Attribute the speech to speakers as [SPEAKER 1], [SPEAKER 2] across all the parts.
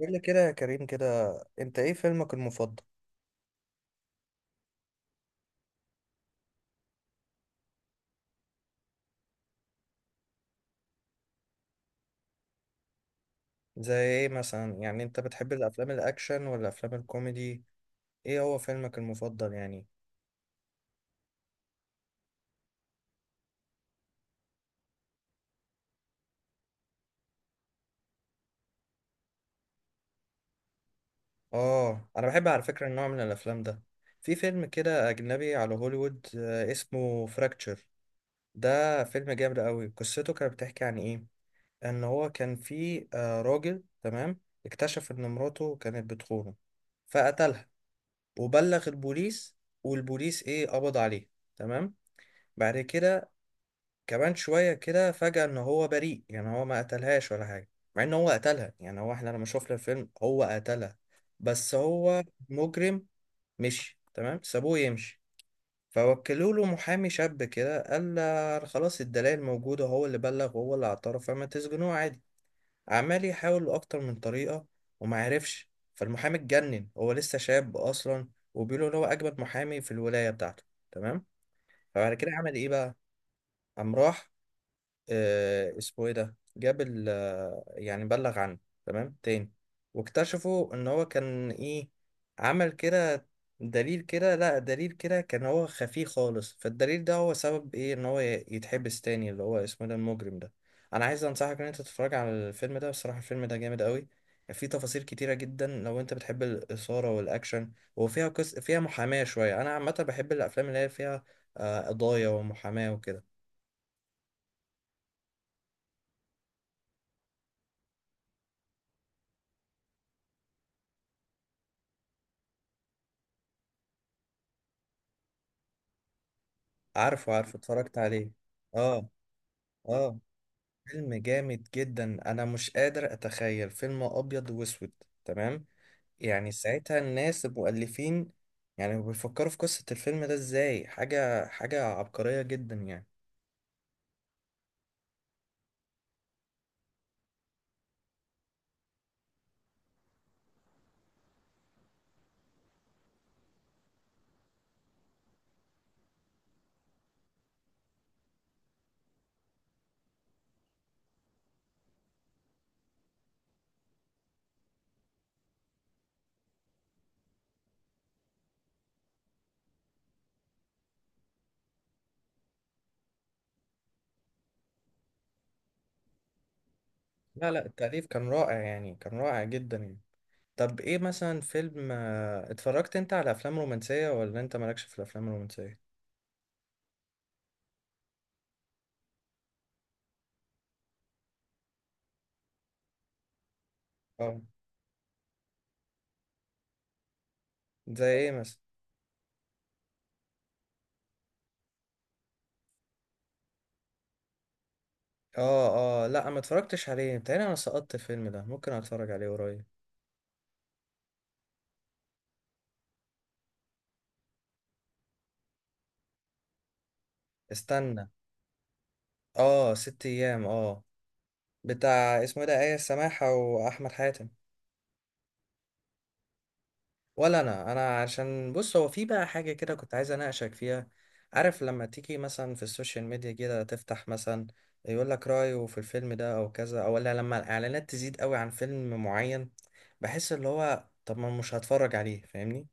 [SPEAKER 1] قول لي كده يا كريم كده، انت ايه فيلمك المفضل؟ زي ايه مثلا، يعني انت بتحب الافلام الاكشن ولا افلام الكوميدي؟ ايه هو فيلمك المفضل يعني؟ اه، انا بحب على فكرة النوع من الافلام ده. في فيلم كده اجنبي على هوليوود اسمه فراكتشر. ده فيلم جامد قوي، قصته كانت بتحكي عن ايه؟ ان هو كان في راجل، تمام. اكتشف ان مراته كانت بتخونه فقتلها وبلغ البوليس، والبوليس ايه، قبض عليه، تمام. بعد كده كمان شوية كده فجأة إن هو بريء، يعني هو ما قتلهاش ولا حاجة، مع إن هو قتلها، يعني هو، إحنا لما شفنا الفيلم هو قتلها، بس هو مجرم. مشي، تمام، سابوه يمشي. فوكلوا له محامي شاب كده، قال له خلاص الدلائل موجودة، هو اللي بلغ وهو اللي اعترف، فما تسجنوه عادي. عمال يحاول أكتر من طريقة وما عرفش. فالمحامي اتجنن، هو لسه شاب أصلا، وبيقولوا إن هو أجمد محامي في الولاية بتاعته، تمام. فبعد كده عمل إيه بقى؟ قام راح، اسمه ايه ده، جاب ال آه، يعني بلغ عنه تمام. تاني واكتشفوا ان هو كان ايه، عمل كده دليل كده، لا دليل كده كان هو خفي خالص، فالدليل ده هو سبب ايه ان هو يتحبس تاني، اللي هو اسمه إيه ده المجرم ده. انا عايز انصحك ان انت تتفرج على الفيلم ده، بصراحة الفيلم ده جامد قوي. فيه تفاصيل كتيرة جدا لو انت بتحب الإثارة والأكشن، وفيها فيها محاماة شوية. انا عامة بحب الافلام اللي هي فيها قضايا ومحاماة وكده. عارفه، اتفرجت عليه. اه، اه، فيلم جامد جدا، انا مش قادر اتخيل فيلم ابيض واسود، تمام. يعني ساعتها الناس المؤلفين، يعني بيفكروا في قصة الفيلم ده ازاي، حاجة حاجة عبقرية جدا يعني. لا، لا، التأليف كان رائع، يعني كان رائع جدا يعني. طب ايه مثلا فيلم، اتفرجت انت على افلام رومانسية ولا انت مالكش في الافلام الرومانسية؟ اه، زي ايه مثلا؟ اه، اه، لا، ما اتفرجتش عليه، بتهيألي انا سقطت الفيلم ده، ممكن اتفرج عليه قريب. استنى. اه، 6 ايام، اه. بتاع اسمه إيه ده، آية سماحة واحمد حاتم. ولا انا عشان بص، هو في بقى حاجة كده كنت عايز اناقشك فيها. عارف لما تيجي مثلا في السوشيال ميديا كده، تفتح مثلا يقول لك رأيه في الفيلم ده او كذا، او ولا لما الاعلانات تزيد قوي عن فيلم معين، بحس اللي هو طب ما مش هتفرج عليه، فاهمني؟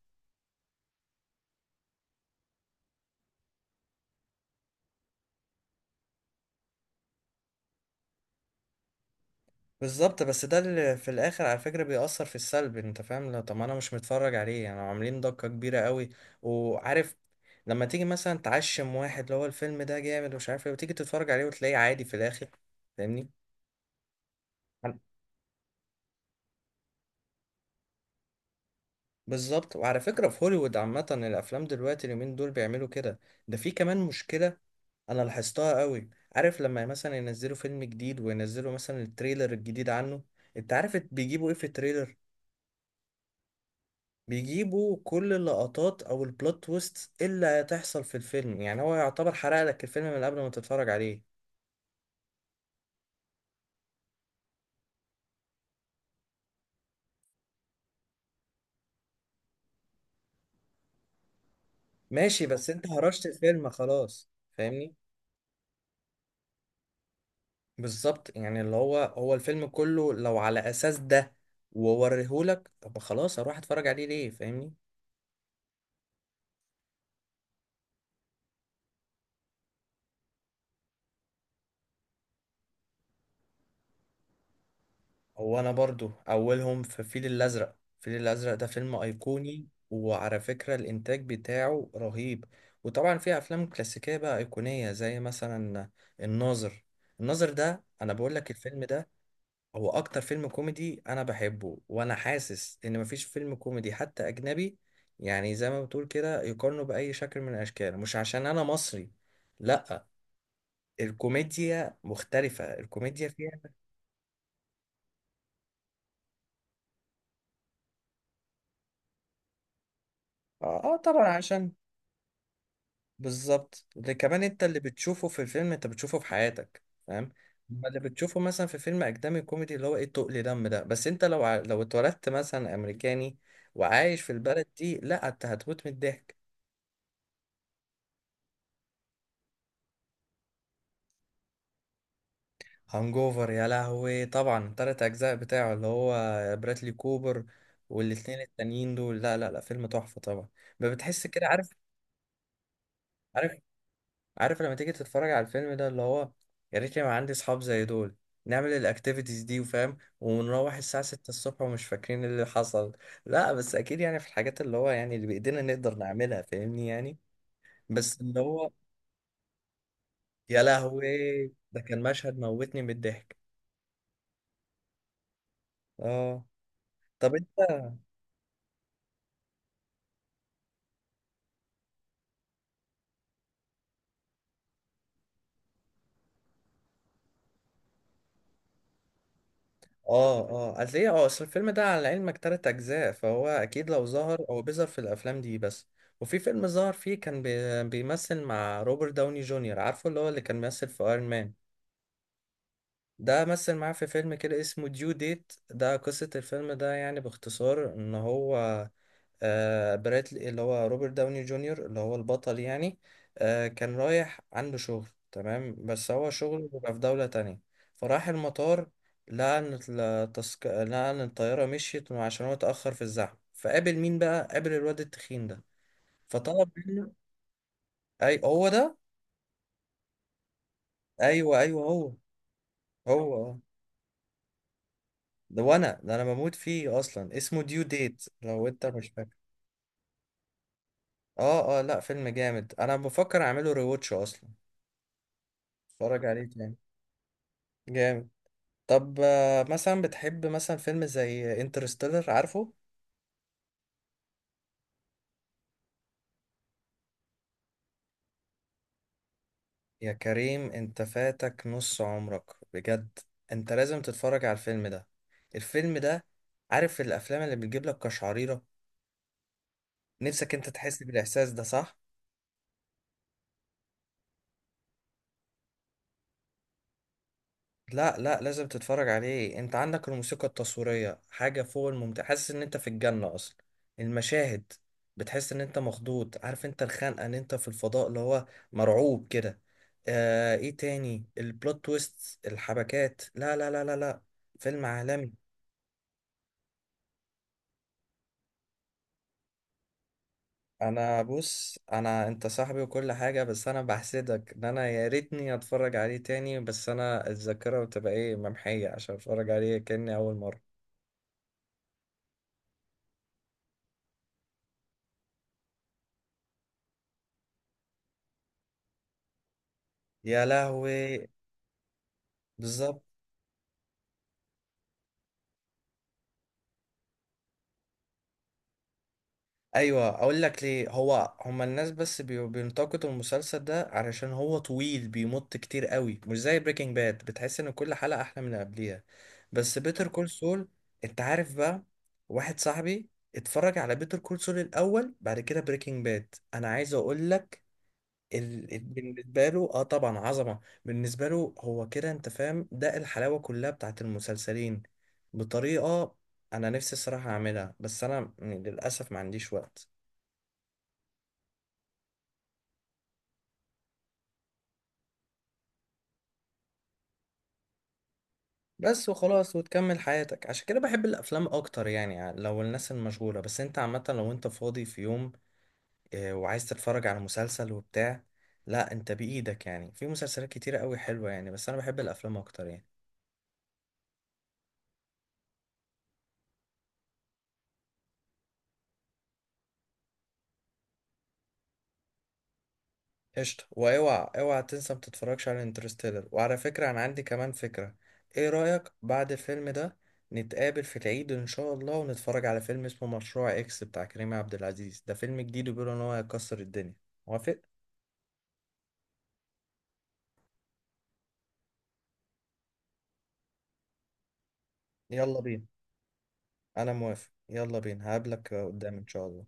[SPEAKER 1] بالظبط، بس ده اللي في الاخر على فكره بيأثر في السلب، انت فاهم؟ لو طب ما انا مش متفرج عليه، يعني عاملين ضجه كبيره قوي. وعارف لما تيجي مثلا تعشم واحد اللي هو الفيلم ده جامد ومش عارف ايه، وتيجي تتفرج عليه وتلاقيه عادي في الاخر، فاهمني؟ عن- بالظبط. وعلى فكره في هوليوود عامه، الافلام دلوقتي اليومين دول بيعملوا كده. ده في كمان مشكله انا لاحظتها قوي. عارف لما مثلا ينزلوا فيلم جديد، وينزلوا مثلا التريلر الجديد عنه، انت عارف بيجيبوا ايه في التريلر؟ بيجيبوا كل اللقطات او البلوت تويست اللي هتحصل في الفيلم، يعني هو يعتبر حرق لك الفيلم من قبل ما تتفرج عليه. ماشي، بس انت هرشت الفيلم خلاص، فاهمني؟ بالظبط، يعني اللي هو هو الفيلم كله لو على اساس ده، ووريهولك، طب خلاص اروح اتفرج عليه ليه؟ فاهمني. هو انا برضو اولهم في الفيل الازرق، الفيل الازرق ده فيلم ايقوني، وعلى فكرة الانتاج بتاعه رهيب. وطبعا في افلام كلاسيكية بقى ايقونية، زي مثلا الناظر. الناظر ده انا بقول لك الفيلم ده هو اكتر فيلم كوميدي انا بحبه، وانا حاسس ان مفيش فيلم كوميدي حتى اجنبي، يعني زي ما بتقول كده يقارنه باي شكل من الاشكال، مش عشان انا مصري، لا. الكوميديا مختلفة، الكوميديا فيها. اه، طبعا عشان. بالظبط، ده كمان انت اللي بتشوفه في الفيلم انت بتشوفه في حياتك، فاهم؟ اما اللي بتشوفه مثلا في فيلم اجنبي كوميدي، اللي هو ايه، تقل دم ده، بس انت لو لو اتولدت مثلا امريكاني وعايش في البلد دي، لا، انت هتموت من الضحك. هانجوفر، يا لهوي، طبعا تلات اجزاء بتاعه، اللي هو برادلي كوبر، والاتنين التانيين دول، لا لا لا، فيلم تحفة طبعا. ما بتحس كده، عارف؟ عارف عارف لما تيجي تتفرج على الفيلم ده اللي هو، يا ريت يبقى عندي اصحاب زي دول، نعمل الاكتيفيتيز دي وفاهم، ونروح الساعة 6 الصبح ومش فاكرين اللي حصل. لا بس اكيد، يعني في الحاجات اللي هو يعني اللي بايدينا نقدر نعملها، فاهمني يعني. بس اللي هو، يا لهوي، ده كان مشهد موتني من الضحك. اه، طب انت. اه، اه، اصل ايه اه اصل الفيلم ده على علمك تلات اجزاء، فهو اكيد لو ظهر هو بيظهر في الافلام دي بس. وفي فيلم ظهر فيه كان بيمثل مع روبرت داوني جونيور، عارفه اللي هو اللي كان بيمثل في ايرون مان. ده مثل معاه في فيلم كده اسمه ديو ديت. ده قصة الفيلم ده يعني باختصار ان هو، براتلي اللي هو روبرت داوني جونيور، اللي هو البطل يعني، كان رايح عنده شغل، تمام، بس هو شغله بيبقى في دولة تانية. فراح المطار، لقى ان الطيارة مشيت عشان هو اتأخر في الزحمة. فقابل مين بقى؟ قابل الواد التخين ده، فطلب منه. اي هو ده. ايوه، ايوه، هو هو. ده وانا، ده انا بموت فيه اصلا، اسمه ديو ديت لو انت مش فاكر. اه، اه، لا، فيلم جامد، انا بفكر اعمله ريواتش اصلا، اتفرج عليه تاني، جامد. طب مثلا بتحب مثلا فيلم زي انترستيلر، عارفه؟ يا كريم، انت فاتك نص عمرك، بجد. انت لازم تتفرج على الفيلم ده، الفيلم ده. عارف الافلام اللي بتجيب لك قشعريرة، نفسك انت تحس بالاحساس ده، صح؟ لا، لا، لازم تتفرج عليه. انت عندك الموسيقى التصويرية حاجة فوق الممتع، حاسس ان انت في الجنة اصلا. المشاهد، بتحس ان انت مخضوض، عارف انت الخنقة ان انت في الفضاء اللي هو مرعوب كده. ايه تاني، البلوت تويست، الحبكات، لا لا لا لا لا، فيلم عالمي. انا بص انا، انت صاحبي وكل حاجة، بس انا بحسدك، ان انا يا ريتني اتفرج عليه تاني، بس انا الذاكرة بتبقى ايه، ممحية، عشان اتفرج عليه كأني اول مرة. يا لهوي. بالظبط. ايوه، اقول لك ليه، هو هما الناس بس بينتقدوا المسلسل ده علشان هو طويل بيمط كتير قوي، مش زي بريكنج باد بتحس ان كل حلقة احلى من اللي قبليها. بس بيتر كول سول، انت عارف بقى، واحد صاحبي اتفرج على بيتر كول سول الاول، بعد كده بريكنج باد. انا عايز اقول لك بالنسبه له، اه طبعا، عظمه. بالنسبه له هو كده، انت فاهم، ده الحلاوه كلها بتاعت المسلسلين، بطريقه. انا نفسي الصراحه اعملها، بس انا للاسف ما عنديش وقت. بس وخلاص وتكمل حياتك، عشان كده بحب الافلام اكتر يعني، لو الناس المشغوله، بس انت عامه لو انت فاضي في يوم وعايز تتفرج على مسلسل وبتاع، لا انت بايدك، يعني في مسلسلات كتيره قوي حلوه يعني، بس انا بحب الافلام اكتر يعني. قشطه، واوعى اوعى تنسى ما تتفرجش على انترستيلر، وعلى فكره انا عندي كمان فكره. ايه رايك بعد الفيلم ده نتقابل في العيد ان شاء الله، ونتفرج على فيلم اسمه مشروع اكس بتاع كريم عبد العزيز، ده فيلم جديد وبيقولوا ان هو هيكسر الدنيا. موافق؟ يلا بينا. انا موافق، يلا بينا، هقابلك قدام ان شاء الله.